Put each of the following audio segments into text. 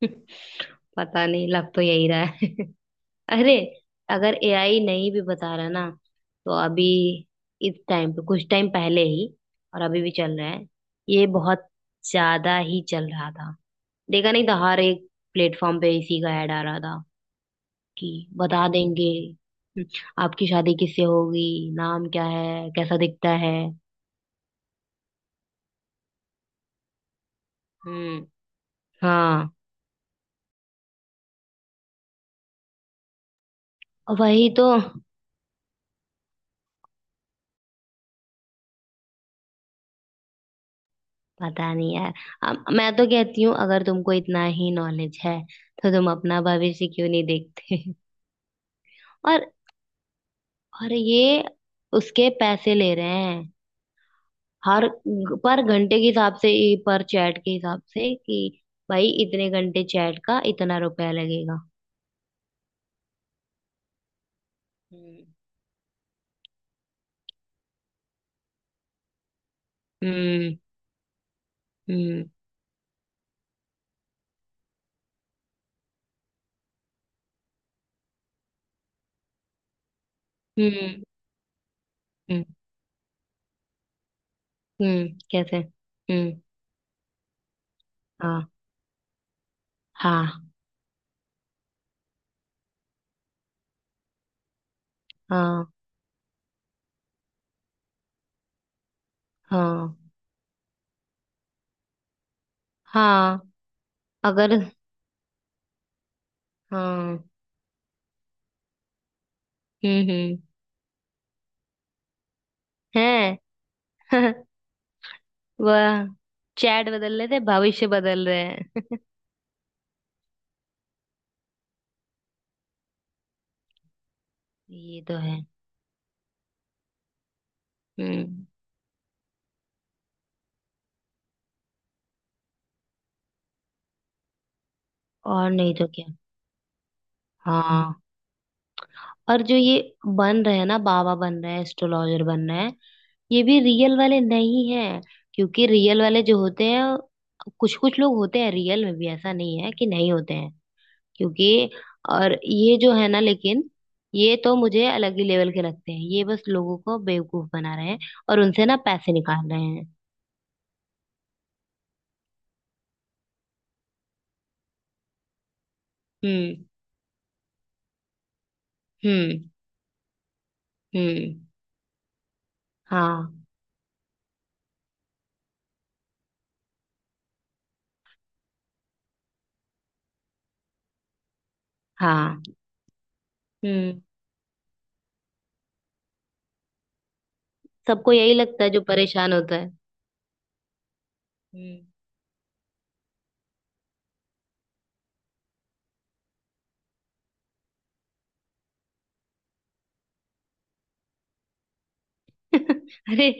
पता नहीं, लग तो यही रहा है। अरे अगर एआई नहीं भी बता रहा ना तो अभी इस टाइम पे कुछ टाइम पहले ही और अभी भी चल रहा है। ये बहुत ज्यादा ही चल रहा था। देखा नहीं था, हर एक प्लेटफॉर्म पे इसी का ऐड आ रहा था कि बता देंगे। हम्म। आपकी शादी किससे होगी, नाम क्या है, कैसा दिखता है? हम्म। हाँ, वही तो। पता नहीं यार। मैं तो कहती हूँ अगर तुमको इतना ही नॉलेज है तो तुम अपना भविष्य क्यों नहीं देखते? और और ये उसके पैसे ले रहे हैं, हर पर घंटे के हिसाब से ही, पर चैट के हिसाब से कि भाई इतने घंटे चैट का इतना रुपया लगेगा। हम्म। हम्म। हम्म। हम्म। हम्म। कैसे? हम्म। हाँ। हाँ। हाँ। हाँ। हाँ। अगर। हाँ। हम्म। हम्म। है। वह चैट बदल रहे थे, भविष्य बदल रहे हैं। ये तो है। हम्म। और नहीं तो क्या। हाँ। और जो ये बन रहे हैं ना, बाबा बन रहे हैं, एस्ट्रोलॉजर बन रहे हैं, ये भी रियल वाले नहीं हैं। क्योंकि रियल वाले जो होते हैं, कुछ कुछ लोग होते हैं रियल में भी, ऐसा नहीं है कि नहीं होते हैं। क्योंकि और ये जो है ना, लेकिन ये तो मुझे अलग ही लेवल के लगते हैं, ये बस लोगों को बेवकूफ बना रहे हैं और उनसे ना पैसे निकाल रहे हैं। हम्म। हम्म। हम्म। हाँ। हाँ। हम्म। सबको यही लगता है जो परेशान होता है। हम्म। अरे।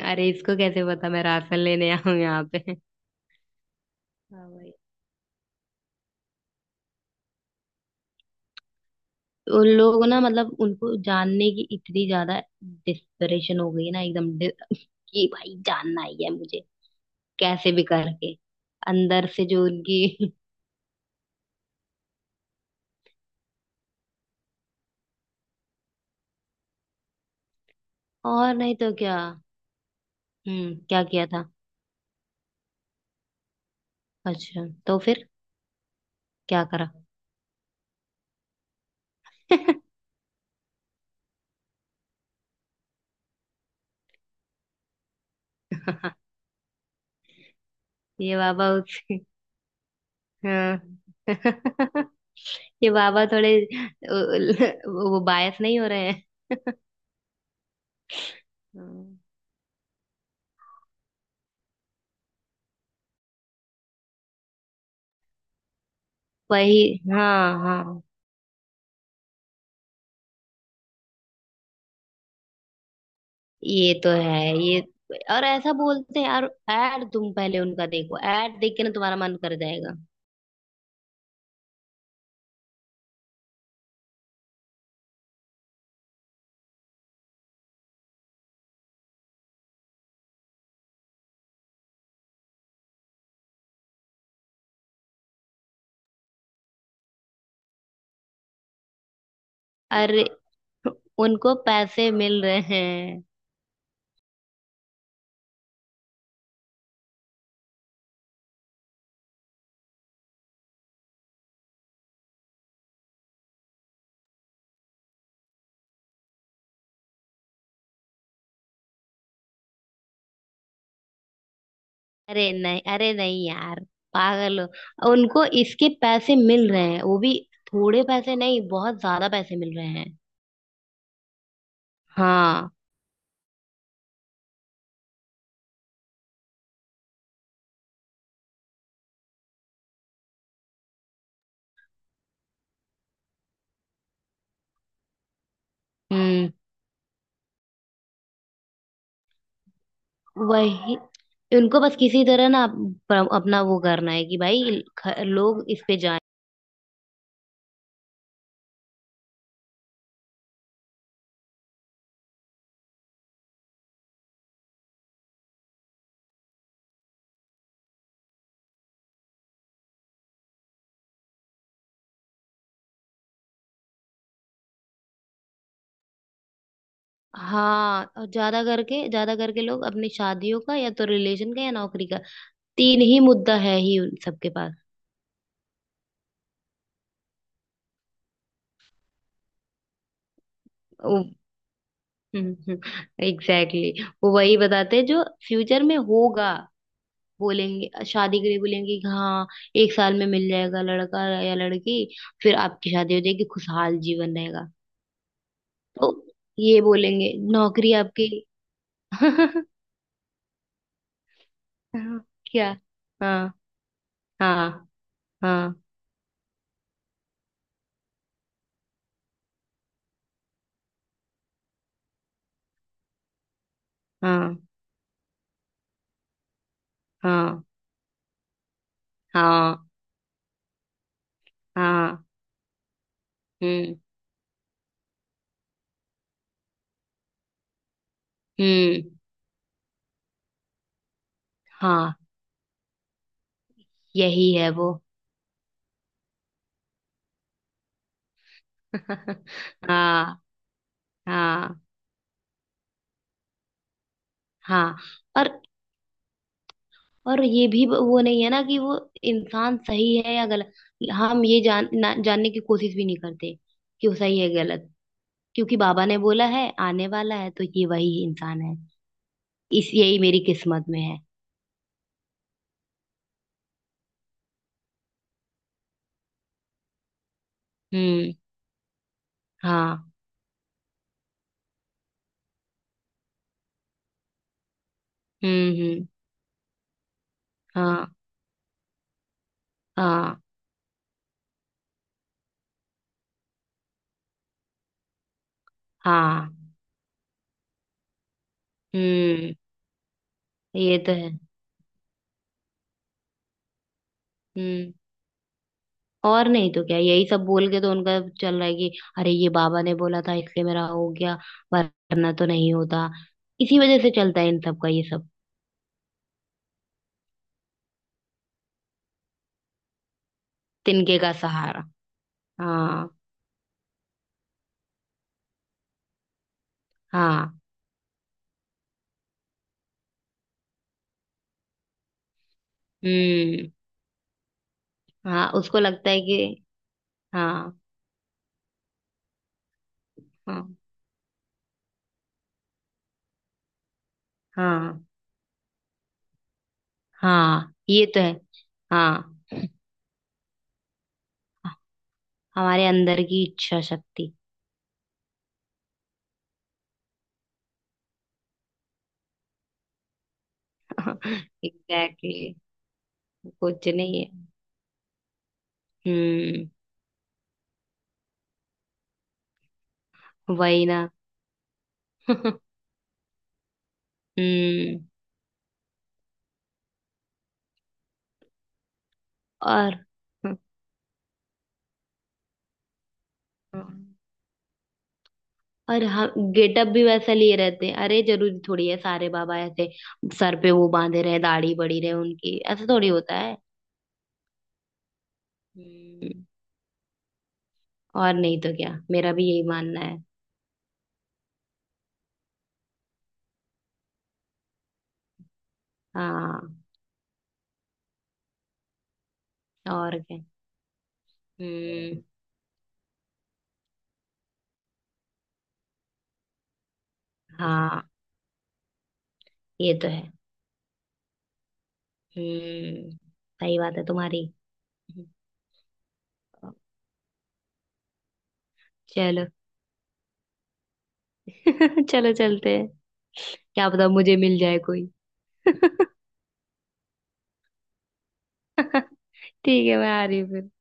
अरे इसको कैसे पता मैं राशन लेने आऊं यहाँ पे? हाँ भाई। उन लोग ना, मतलब उनको जानने की इतनी ज्यादा डिस्परेशन हो गई ना, एकदम कि भाई जानना ही है मुझे, कैसे भी करके अंदर से जो उनकी। और नहीं तो क्या। हम्म। क्या किया था? अच्छा तो फिर क्या करा? ये बाबा उस। हाँ। ये बाबा थोड़े वो बायस नहीं हो रहे हैं। हम्म। वही। हाँ। हाँ। ये तो है ये। और ऐसा बोलते हैं यार, ऐड तुम पहले उनका देखो, ऐड देख के ना तुम्हारा मन कर जाएगा। अरे उनको पैसे मिल रहे हैं। अरे नहीं, अरे नहीं यार, पागल हो, उनको इसके पैसे मिल रहे हैं वो भी। थोड़े पैसे नहीं, बहुत ज्यादा पैसे मिल रहे हैं। हाँ। वही। उनको बस किसी तरह ना अपना वो करना है कि भाई लोग इस पे जाएं। हाँ। और ज्यादा करके लोग अपनी शादियों का या तो रिलेशन का या नौकरी का। तीन ही मुद्दा है ही उन सबके पास। वो एग्जैक्टली exactly। वो वही बताते हैं जो फ्यूचर में होगा। बोलेंगे शादी के लिए, बोलेंगे कि हाँ एक साल में मिल जाएगा लड़का या लड़की, फिर आपकी शादी हो जाएगी, खुशहाल जीवन रहेगा। तो ये बोलेंगे नौकरी आपकी। हाँ, क्या। हाँ। हाँ। हाँ। हाँ। हाँ। हाँ। हाँ। हम्म। हम्म। हाँ, यही है वो। हाँ। हाँ। हाँ। और और ये भी वो नहीं है ना कि वो इंसान सही है या गलत, हम ये जान ना, जानने की कोशिश भी नहीं करते कि वो सही है गलत, क्योंकि बाबा ने बोला है आने वाला है तो ये वही इंसान है, इस यही मेरी किस्मत में है। हम्म। हाँ। हम्म। हम्म। हाँ। हाँ। हाँ। हम्म। ये तो है। हम्म। और नहीं तो क्या, यही सब बोल के तो उनका चल रहा है कि अरे ये बाबा ने बोला था इसलिए मेरा हो गया, वरना तो नहीं होता। इसी वजह से चलता है इन सब का ये सब। तिनके का सहारा। हाँ। हाँ। हम्म। हाँ, उसको लगता है कि। हाँ। हाँ। हाँ। हाँ ये तो है। हाँ। हमारे अंदर की इच्छा शक्ति। एग्जैक्टली exactly, कुछ नहीं है। हम्म। वही ना। हम्म। और। हम्म। और हम गेटअप भी वैसा लिए रहते हैं, अरे जरूरी थोड़ी है सारे बाबा ऐसे सर पे वो बांधे रहे, दाढ़ी बड़ी रहे उनकी, ऐसा थोड़ी होता है। हम्म। और नहीं तो क्या, मेरा भी यही मानना है। हाँ। और क्या। हम्म। हाँ। ये तो है। हम्म। सही बात है तुम्हारी। चलो। चलो, चलते हैं। क्या पता मुझे मिल जाए कोई। ठीक है, मैं आ रही हूँ फिर।